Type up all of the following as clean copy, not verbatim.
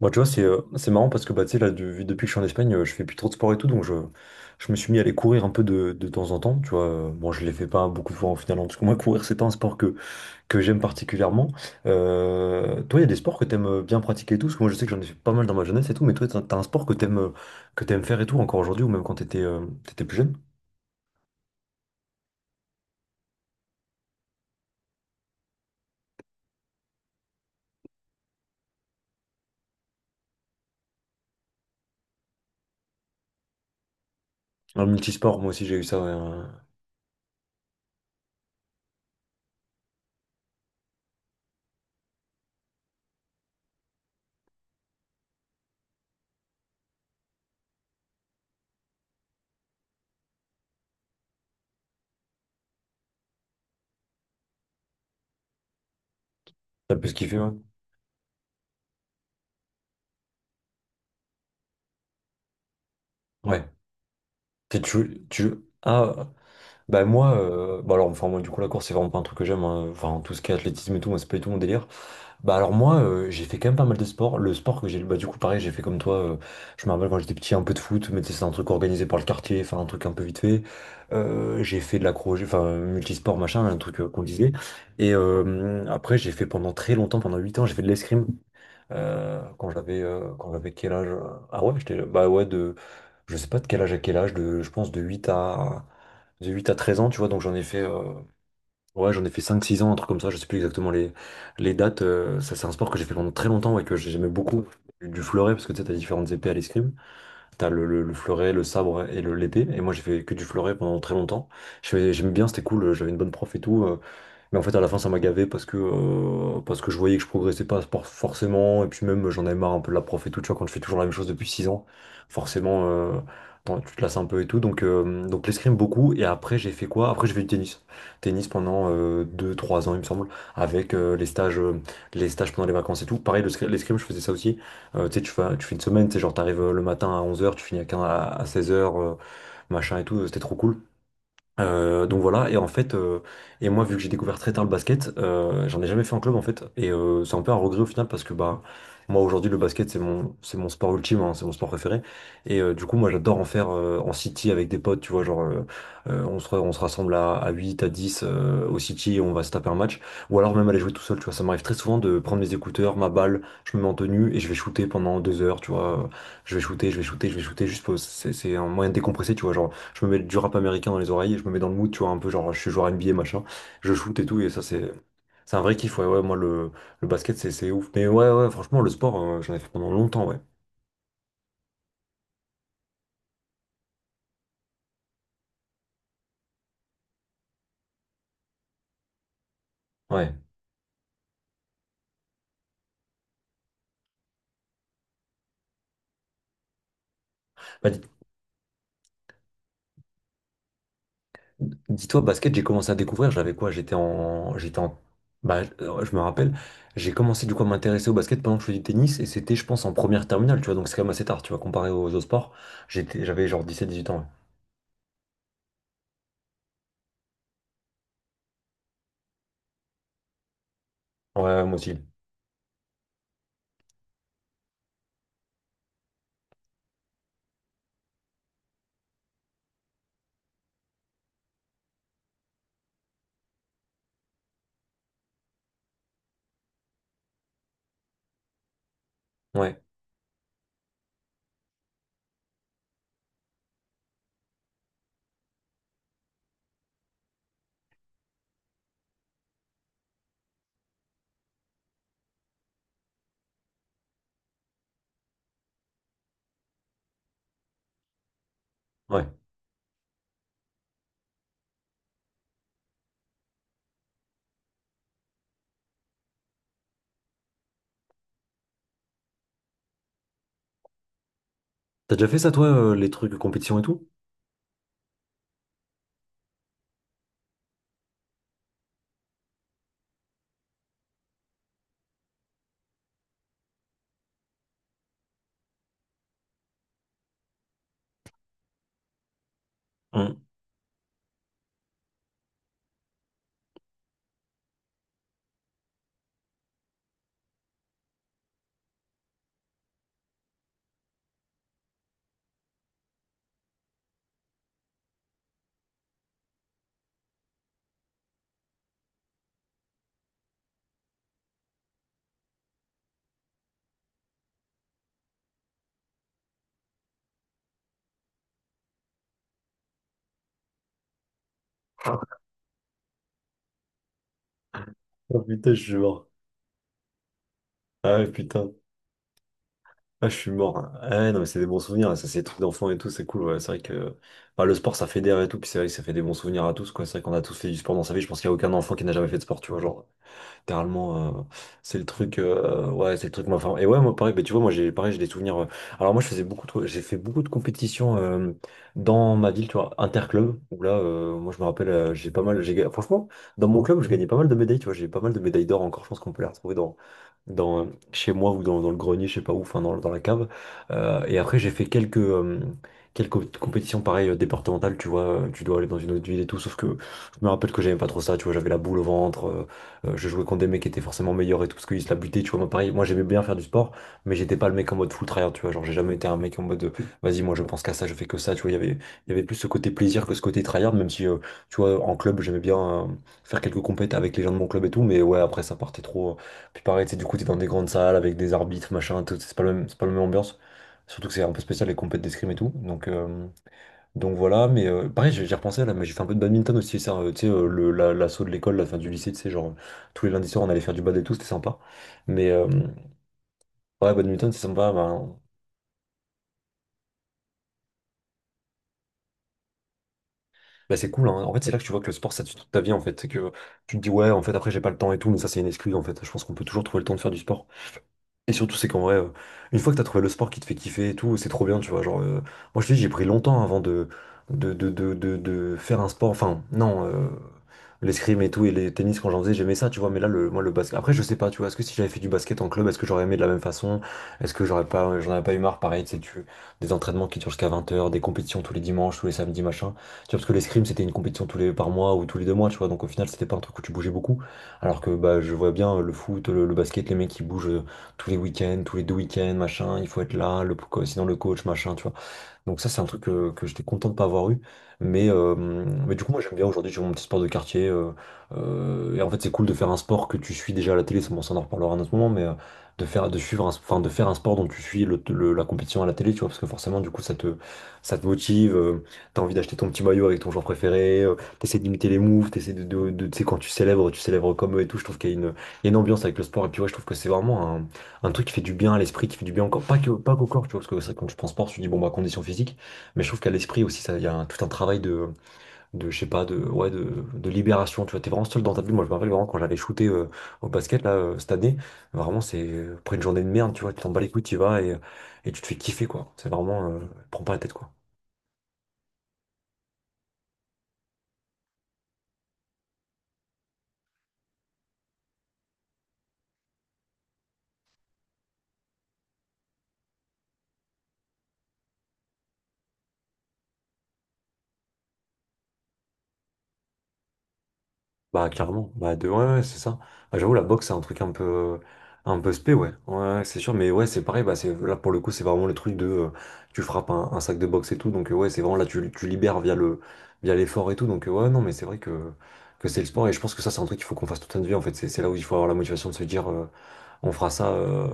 Moi, tu vois, c'est marrant parce que bah, tu sais, là, depuis que je suis en Espagne, je fais plus trop de sport et tout, je me suis mis à aller courir un peu de temps en temps, tu vois. Bon, je ne les fais pas beaucoup de fois en final, hein, parce que moi, courir, c'est pas un que j'aime particulièrement. Toi, il y a des sports que t'aimes bien pratiquer et tout, parce que moi, je sais que j'en ai fait pas mal dans ma jeunesse et tout, mais toi, t'as un sport que t'aimes faire et tout, encore aujourd'hui, ou même quand t'étais plus jeune? Un multisport, moi aussi, j'ai eu ça, t'as un peu kiffé, ouais. Ouais. T'es- Tu, tu, ah, Bah moi, moi du coup la course c'est vraiment pas un truc que j'aime, hein. Enfin tout ce qui est athlétisme et tout, moi c'est pas du tout mon délire. Bah alors moi j'ai fait quand même pas mal de sports. Le sport que j'ai, bah Du coup pareil j'ai fait comme toi. Je me rappelle quand j'étais petit un peu de foot, mais tu sais, c'est un truc organisé par le quartier, enfin un truc un peu vite fait. J'ai fait de l'accro, multisport machin, un truc qu'on disait. Et après j'ai fait pendant très longtemps, pendant 8 ans j'ai fait de l'escrime. Quand j'avais quel âge? Ah ouais, j'étais bah ouais de je sais pas de quel âge à quel âge, de je pense de 8 à 13 ans, tu vois. Donc j'en ai fait ouais, j'en ai fait 5 6 ans un truc comme ça, je sais plus exactement les dates ça c'est un sport que j'ai fait pendant très longtemps et que j'aimais beaucoup du fleuret parce que tu sais t'as différentes épées à l'escrime, t'as le fleuret, le sabre et le l'épée et moi j'ai fait que du fleuret pendant très longtemps. J'aimais bien, c'était cool, j'avais une bonne prof et tout. Mais en fait, à la fin, ça m'a gavé parce que je voyais que je progressais pas por- forcément. Et puis même, j'en avais marre un peu de la prof et tout. Tu vois, quand je fais toujours la même chose depuis 6 ans, forcément, tu te lasses un peu et tout. Donc l'escrime beaucoup. Et après, j'ai fait quoi? Après, j'ai fait du tennis. Tennis pendant deux trois ans, il me semble, avec les stages pendant les vacances et tout. Pareil, l'escrime, je faisais ça aussi. Tu sais, tu fais une semaine, tu sais, genre, t'arrives le matin à 11 heures tu finis à 15 à 16 heures machin et tout. C'était trop cool. Donc voilà, et moi vu que j'ai découvert très tard le basket, j'en ai jamais fait en club en fait, et c'est un peu un regret au final parce que bah moi aujourd'hui le basket c'est mon sport ultime, hein, c'est mon sport préféré, et du coup moi j'adore en faire en city avec des potes, tu vois, genre on se rassemble à 8, à 10 au city et on va se taper un match, ou alors même aller jouer tout seul, tu vois, ça m'arrive très souvent de prendre mes écouteurs, ma balle, je me mets en tenue et je vais shooter pendant 2 heures, tu vois, je vais shooter, juste pour, c'est un moyen de décompresser, tu vois, genre. Je me mets du rap américain dans les oreilles et je me mets dans le mood, tu vois, un peu genre je suis joueur NBA, machin. Je shoot et tout, et ça c'est un vrai kiff, ouais, ouais, le basket c'est ouf. Mais ouais, ouais, franchement, le sport, j'en ai fait pendant longtemps, ouais. Ouais. Bah, dis- Dis-toi, basket, j'ai commencé à découvrir, j'avais quoi? Je me rappelle, j'ai commencé du coup à m'intéresser au basket pendant que je faisais du tennis, et c'était, je pense, en première terminale, tu vois, donc c'est quand même assez tard, tu vois, comparé aux autres sports. J'avais genre 17-18 ans, ouais. Ouais, moi aussi. Ouais, ouais. T'as déjà fait ça, toi, les trucs compétition et tout? Hum. Oh putain, je suis mort. Ah ouais, putain. Ah, je suis mort. Ah ouais, non, mais c'est des bons souvenirs. Ça, c'est des trucs d'enfants et tout. C'est cool. Ouais. C'est vrai que enfin, le sport, ça fédère et tout. Puis c'est vrai que ça fait des bons souvenirs à tous, quoi. C'est vrai qu'on a tous fait du sport dans sa vie. Je pense qu'il n'y a aucun enfant qui n'a jamais fait de sport, tu vois. Genre, littéralement, ouais, c'est le truc, moi, enfin, et ouais, moi, pareil, bah, tu vois, moi, pareil, j'ai des souvenirs, alors moi, je faisais beaucoup de, j'ai fait beaucoup de compétitions, dans ma ville, tu vois, interclub, où là, moi, je me rappelle, j'ai pas mal, j'ai, ga- franchement, dans mon club, je gagnais pas mal de médailles, tu vois, j'ai pas mal de médailles d'or encore, je pense qu'on peut les retrouver dans, euh, chez moi ou dans le grenier, je sais pas où, enfin dans la cave. Et après, quelques compétitions, pareil, départementales, tu vois, tu dois aller dans une autre ville et tout, sauf que, je me rappelle que j'aimais pas trop ça, tu vois, j'avais la boule au ventre, je jouais contre des mecs qui étaient forcément meilleurs et tout, parce qu'ils se la butaient, tu vois. Moi, pareil, moi j'aimais bien faire du sport, mais j'étais pas le mec en mode full tryhard, tu vois. Genre, j'ai jamais été un mec en mode, vas-y, moi je pense qu'à ça, je fais que ça, tu vois. Il y avait plus ce côté plaisir que ce côté tryhard, même si, tu vois, en club, j'aimais bien euh, faire quelques compètes avec les gens de mon club et tout, mais ouais, après, ça partait trop. Puis pareil, tu sais, du coup, t'es dans des grandes salles avec des arbitres, machin, tout, c'est pas la même ambiance. Surtout que c'est un peu spécial les compètes d'escrime et tout. Donc, voilà, mais pareil, j'ai repensé là, mais j'ai fait un peu de badminton aussi, ça, tu sais, l'assaut de l'école, la fin du lycée, tu sais, tous les lundis soirs, on allait faire du bad et tout, c'était sympa. Mais ouais, badminton, c'est sympa, bah, c'est cool, hein. En fait, c'est là que tu vois que le sport, ça tue toute ta vie, en fait. C'est que tu te dis, ouais, en fait, après, j'ai pas le temps et tout, mais ça, c'est une excuse, en fait. Je pense qu'on peut toujours trouver le temps de faire du sport. Et surtout, c'est qu'en vrai, une fois que t'as trouvé le sport qui te fait kiffer et tout, c'est trop bien, tu vois. Genre, moi, je te dis, j'ai pris longtemps avant de faire un sport. Enfin, non, l'escrime et tout, et les tennis, quand j'en faisais, j'aimais ça, tu vois. Mais là, moi, le basket. Après, je sais pas, tu vois. Est-ce que si j'avais fait du basket en club, est-ce que j'aurais aimé de la même façon? Est-ce que j'en avais pas eu marre, pareil, tu sais, des entraînements qui durent jusqu'à 20 heures, des compétitions tous les dimanches, tous les samedis, machin. Tu vois, parce que l'escrime, c'était une compétition par mois ou tous les 2 mois, tu vois. Donc, au final, c'était pas un truc où tu bougeais beaucoup. Alors que, bah, je vois bien euh, le foot, le basket, les mecs qui bougent. Tous les week-ends, tous les deux week-ends, machin, il faut être là, sinon le coach, machin, tu vois. Donc ça, c'est un truc que j'étais content de pas avoir eu. Mais, du coup, moi, j'aime bien aujourd'hui, j'ai mon petit sport de quartier. Et en fait, c'est cool de faire un sport que tu suis déjà à la télé. Ça, bon, ça, on en reparlera à un autre moment, mais de faire, de suivre un, enfin, de faire un sport dont tu suis la compétition à la télé, tu vois, parce que forcément, du coup, ça te motive. T'as envie d'acheter ton petit maillot avec ton joueur préféré. T'essaies d'imiter les moves, t'essaies tu sais, quand tu célèbres comme eux et tout. Je trouve qu'il y a une, il y a une ambiance avec le sport, et puis ouais, je trouve que c'est vraiment un truc qui fait du bien à l'esprit, qui fait du bien encore, pas que, pas qu'au corps, tu vois, parce que c'est vrai que quand je pense sport, je me dis, bon, bah, condition physique. Mais je trouve qu'à l'esprit aussi, ça, il y a tout un travail je sais pas, de, ouais, de libération, tu vois. T'es vraiment seul dans ta bulle. Moi, je me rappelle vraiment quand j'allais shooter au basket, là, cette année, vraiment, après une journée de merde, tu vois, tu t'en bats les couilles, tu y vas et tu te fais kiffer, quoi. C'est vraiment, prends pas la tête, quoi. Bah clairement, bah de ouais, ouais c'est ça. Ah, j'avoue la boxe c'est un truc un peu spé ouais. Ouais, ouais, c'est sûr mais ouais, c'est pareil, bah c'est là pour le coup, c'est vraiment le truc de tu frappes un sac de boxe et tout, donc ouais, c'est vraiment là tu, tu libères via le via l'effort et tout, donc ouais, non mais c'est vrai que c'est le sport et je pense que ça c'est un truc qu'il faut qu'on fasse toute notre vie en fait. C'est là où il faut avoir la motivation de se dire on fera ça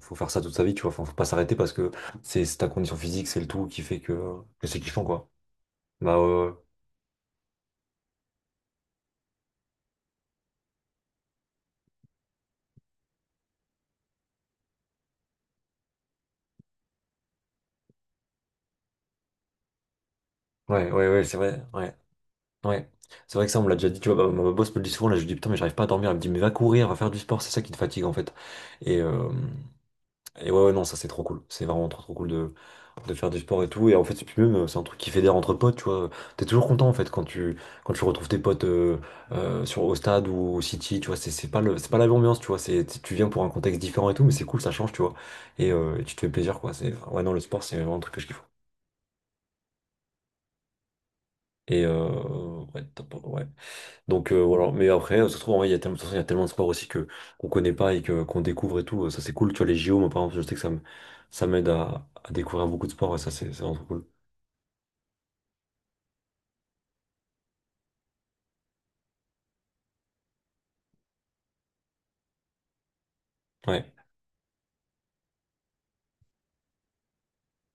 faut faire ça toute sa vie, tu vois. Enfin, faut pas s'arrêter parce que c'est ta condition physique, c'est le tout qui fait que c'est kiffant quoi. Bah ouais, ouais, ouais, ouais, ouais, c'est vrai. Ouais. Ouais, c'est vrai que ça, on me l'a déjà dit, tu vois. Ma boss me le dit souvent, là, je lui dis, putain, mais j'arrive pas à dormir. Elle me dit, mais va courir, va faire du sport, c'est ça qui te fatigue, en fait. Et, euh, et ouais, ouais, non, ça, c'est trop cool, c'est vraiment trop, trop cool de faire du sport et tout. Et en fait, c'est puis même, c'est un truc qui fédère entre potes, tu vois. T'es toujours content, en fait, quand tu retrouves tes potes sur, au stade ou au City, tu vois. C'est pas le, c'est pas la même ambiance, tu vois, c'est, tu viens pour un contexte différent et tout, mais c'est cool, ça change, tu vois. Et, et tu te fais plaisir, quoi, c'est, enfin, ouais, non, le sport, c'est vraiment un truc que je kiffe. Et, ouais, top, ouais. Donc voilà. Mais après, ça se trouve, en vrai, il y a tellement, de toute façon, il y a tellement de sports aussi que qu'on connaît pas et que qu'on découvre et tout. Ça, c'est cool. Tu vois, les JO, moi, par exemple, je sais que ça me, ça m'aide à découvrir beaucoup de sports. Et ça, c'est vraiment trop cool. Ouais.